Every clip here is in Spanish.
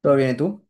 ¿Todo bien, y tú?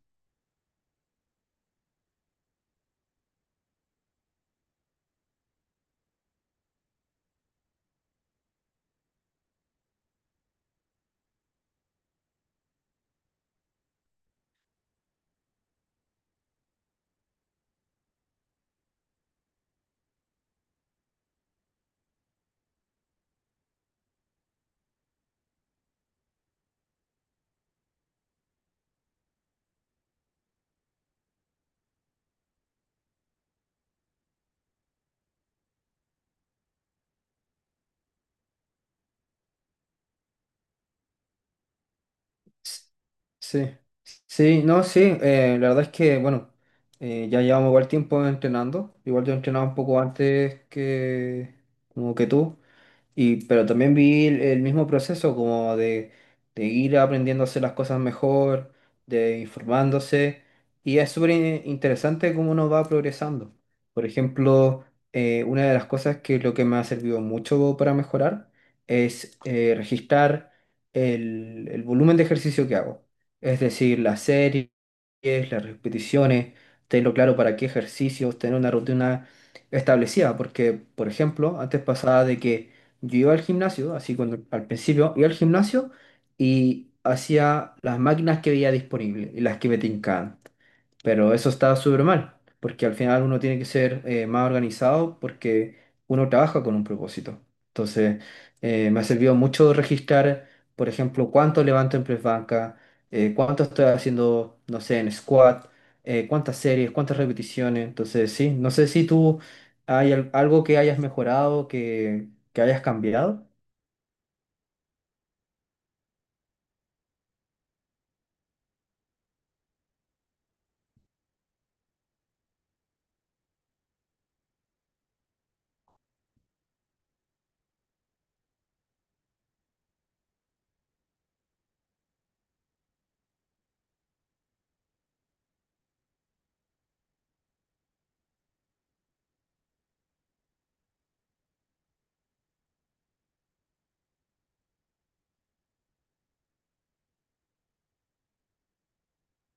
S- Sí, sí, no, sí, la verdad es que, bueno, ya llevamos igual tiempo entrenando, igual yo entrenaba un poco antes que, como que tú. Y, pero también vi el mismo proceso como de ir aprendiendo a hacer las cosas mejor, de informándose. Y es súper interesante cómo uno va progresando. Por ejemplo, una de las cosas que lo que me ha servido mucho para mejorar es registrar el volumen de ejercicio que hago. Es decir, las series, las repeticiones, tenerlo claro para qué ejercicios, tener una rutina establecida. Porque, por ejemplo, antes pasaba de que yo iba al gimnasio, así cuando al principio iba al gimnasio y hacía las máquinas que veía disponibles y las que me tincaban. Pero eso está súper mal, porque al final uno tiene que ser más organizado porque uno trabaja con un propósito. Entonces, me ha servido mucho registrar, por ejemplo, cuánto levanto en press banca, cuánto estoy haciendo, no sé, en squat, cuántas series, cuántas repeticiones. Entonces, sí, no sé si tú hay algo que hayas mejorado, que hayas cambiado.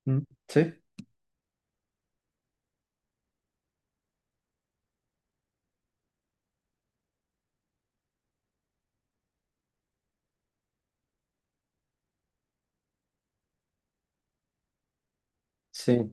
¿Mm? Sí, sí.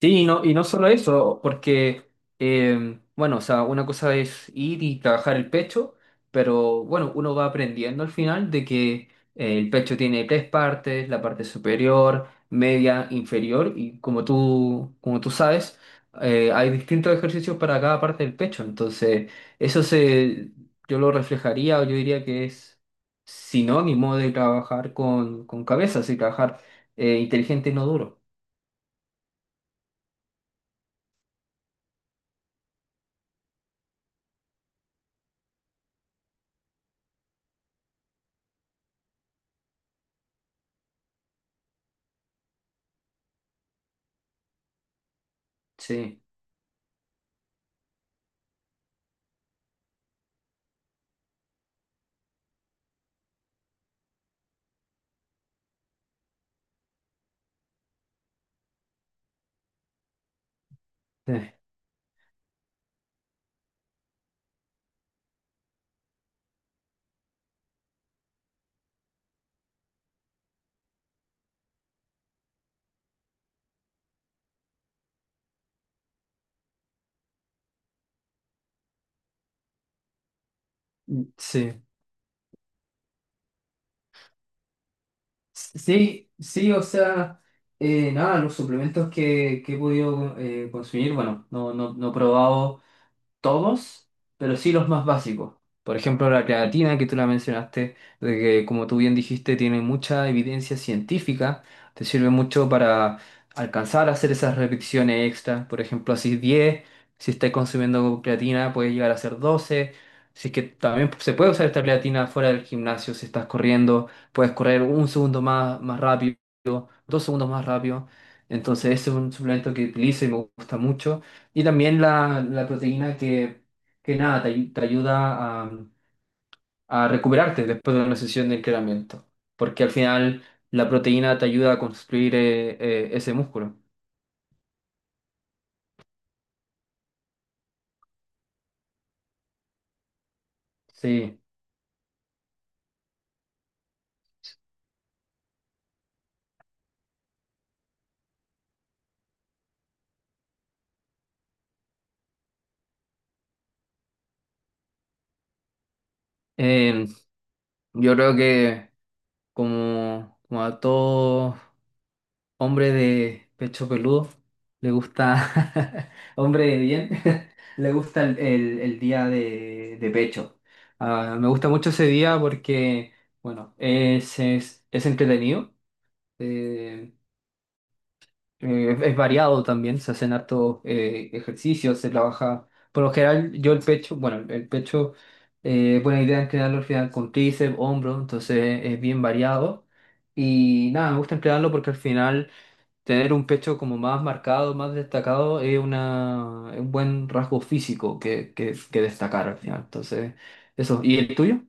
Sí, y no solo eso, porque, bueno, o sea, una cosa es ir y trabajar el pecho, pero bueno, uno va aprendiendo al final de que el pecho tiene 3 partes, la parte superior, media, inferior, y como tú sabes, hay distintos ejercicios para cada parte del pecho, entonces eso se, yo lo reflejaría o yo diría que es sinónimo de trabajar con cabeza, así trabajar inteligente y no duro. Sí. Sí, sí, sí, o sea, nada, los suplementos que he podido consumir, bueno, no, no, no he probado todos, pero sí los más básicos. Por ejemplo, la creatina que tú la mencionaste, de que como tú bien dijiste, tiene mucha evidencia científica, te sirve mucho para alcanzar a hacer esas repeticiones extras. Por ejemplo, así 10, si estás consumiendo creatina, puedes llegar a hacer 12. Así que también se puede usar esta creatina fuera del gimnasio, si estás corriendo, puedes correr un segundo más, más rápido, dos segundos más rápido. Entonces ese es un suplemento que utilizo y me gusta mucho. Y también la proteína que nada, te, te ayuda a recuperarte después de una sesión de entrenamiento. Porque al final la proteína te ayuda a construir ese músculo. Sí. Eh, yo creo que como, como a todos. Hombre de pecho peludo, le gusta, hombre de bien, le gusta el día de pecho. Ah, me gusta mucho ese día porque, bueno, es entretenido, eh, es variado también, se hacen hartos ejercicios, se trabaja. Por lo general, yo el pecho, bueno, el pecho, buena idea entrenarlo al final con tríceps, hombro, entonces es bien variado. Y nada, me gusta emplearlo porque al final tener un pecho como más marcado, más destacado, es una, es un buen rasgo físico que destacar al final. Entonces, eso. ¿Y el tuyo?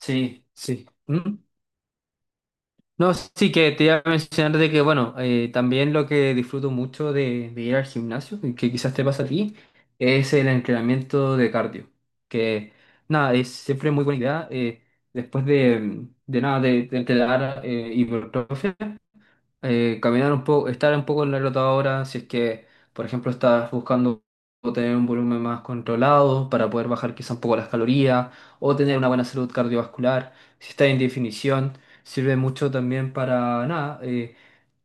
Sí, sí. Mm. No, sí que te iba a mencionar de que, bueno, también lo que disfruto mucho de ir al gimnasio, y que quizás te pasa a ti, es el entrenamiento de cardio, que nada, es siempre muy buena idea. Después de nada, de entrenar hipertrofia. Caminar un poco, estar un poco en la rotadora, si es que, por ejemplo, estás buscando tener un volumen más controlado para poder bajar quizá un poco las calorías o tener una buena salud cardiovascular, si estás en definición, sirve mucho también para nada,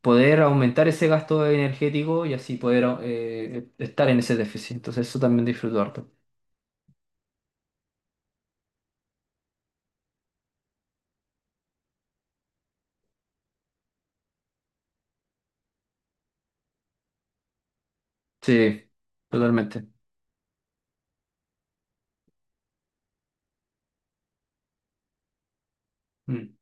poder aumentar ese gasto energético y así poder estar en ese déficit. Entonces eso también disfruto harto. Sí, totalmente. Mm.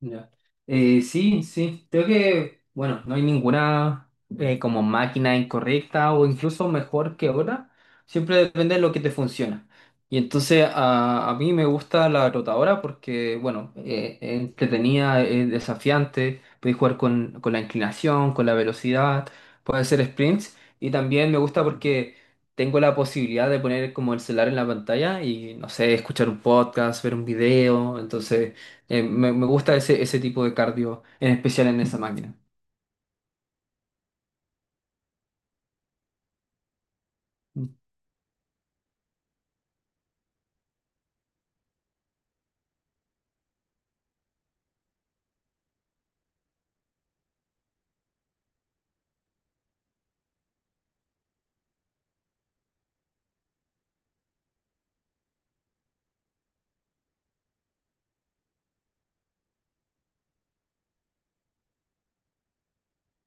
Ya. Sí, sí, creo que, bueno, no hay ninguna como máquina incorrecta o incluso mejor que otra, siempre depende de lo que te funciona. Y entonces a mí me gusta la rotadora porque, bueno, es entretenida, es desafiante, puedes jugar con la inclinación, con la velocidad, puedes hacer sprints y también me gusta porque tengo la posibilidad de poner como el celular en la pantalla y, no sé, escuchar un podcast, ver un video, entonces… me, me gusta ese, ese tipo de cardio, en especial en esa máquina. Mm,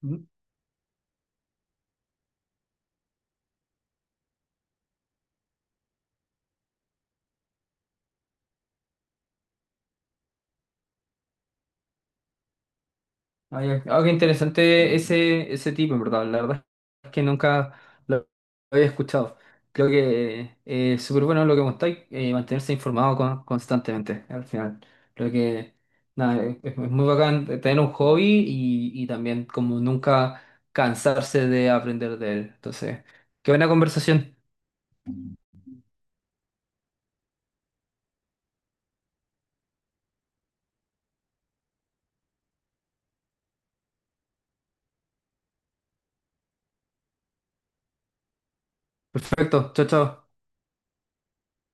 mm. Ah, ya. Ah, qué interesante ese, ese tipo, en verdad. La verdad es que nunca lo había escuchado. Creo que es súper bueno lo que contáis, mantenerse informado constantemente al final. Creo que nada, es muy bacán tener un hobby y también como nunca cansarse de aprender de él. Entonces, qué buena conversación. Perfecto, chao, chao.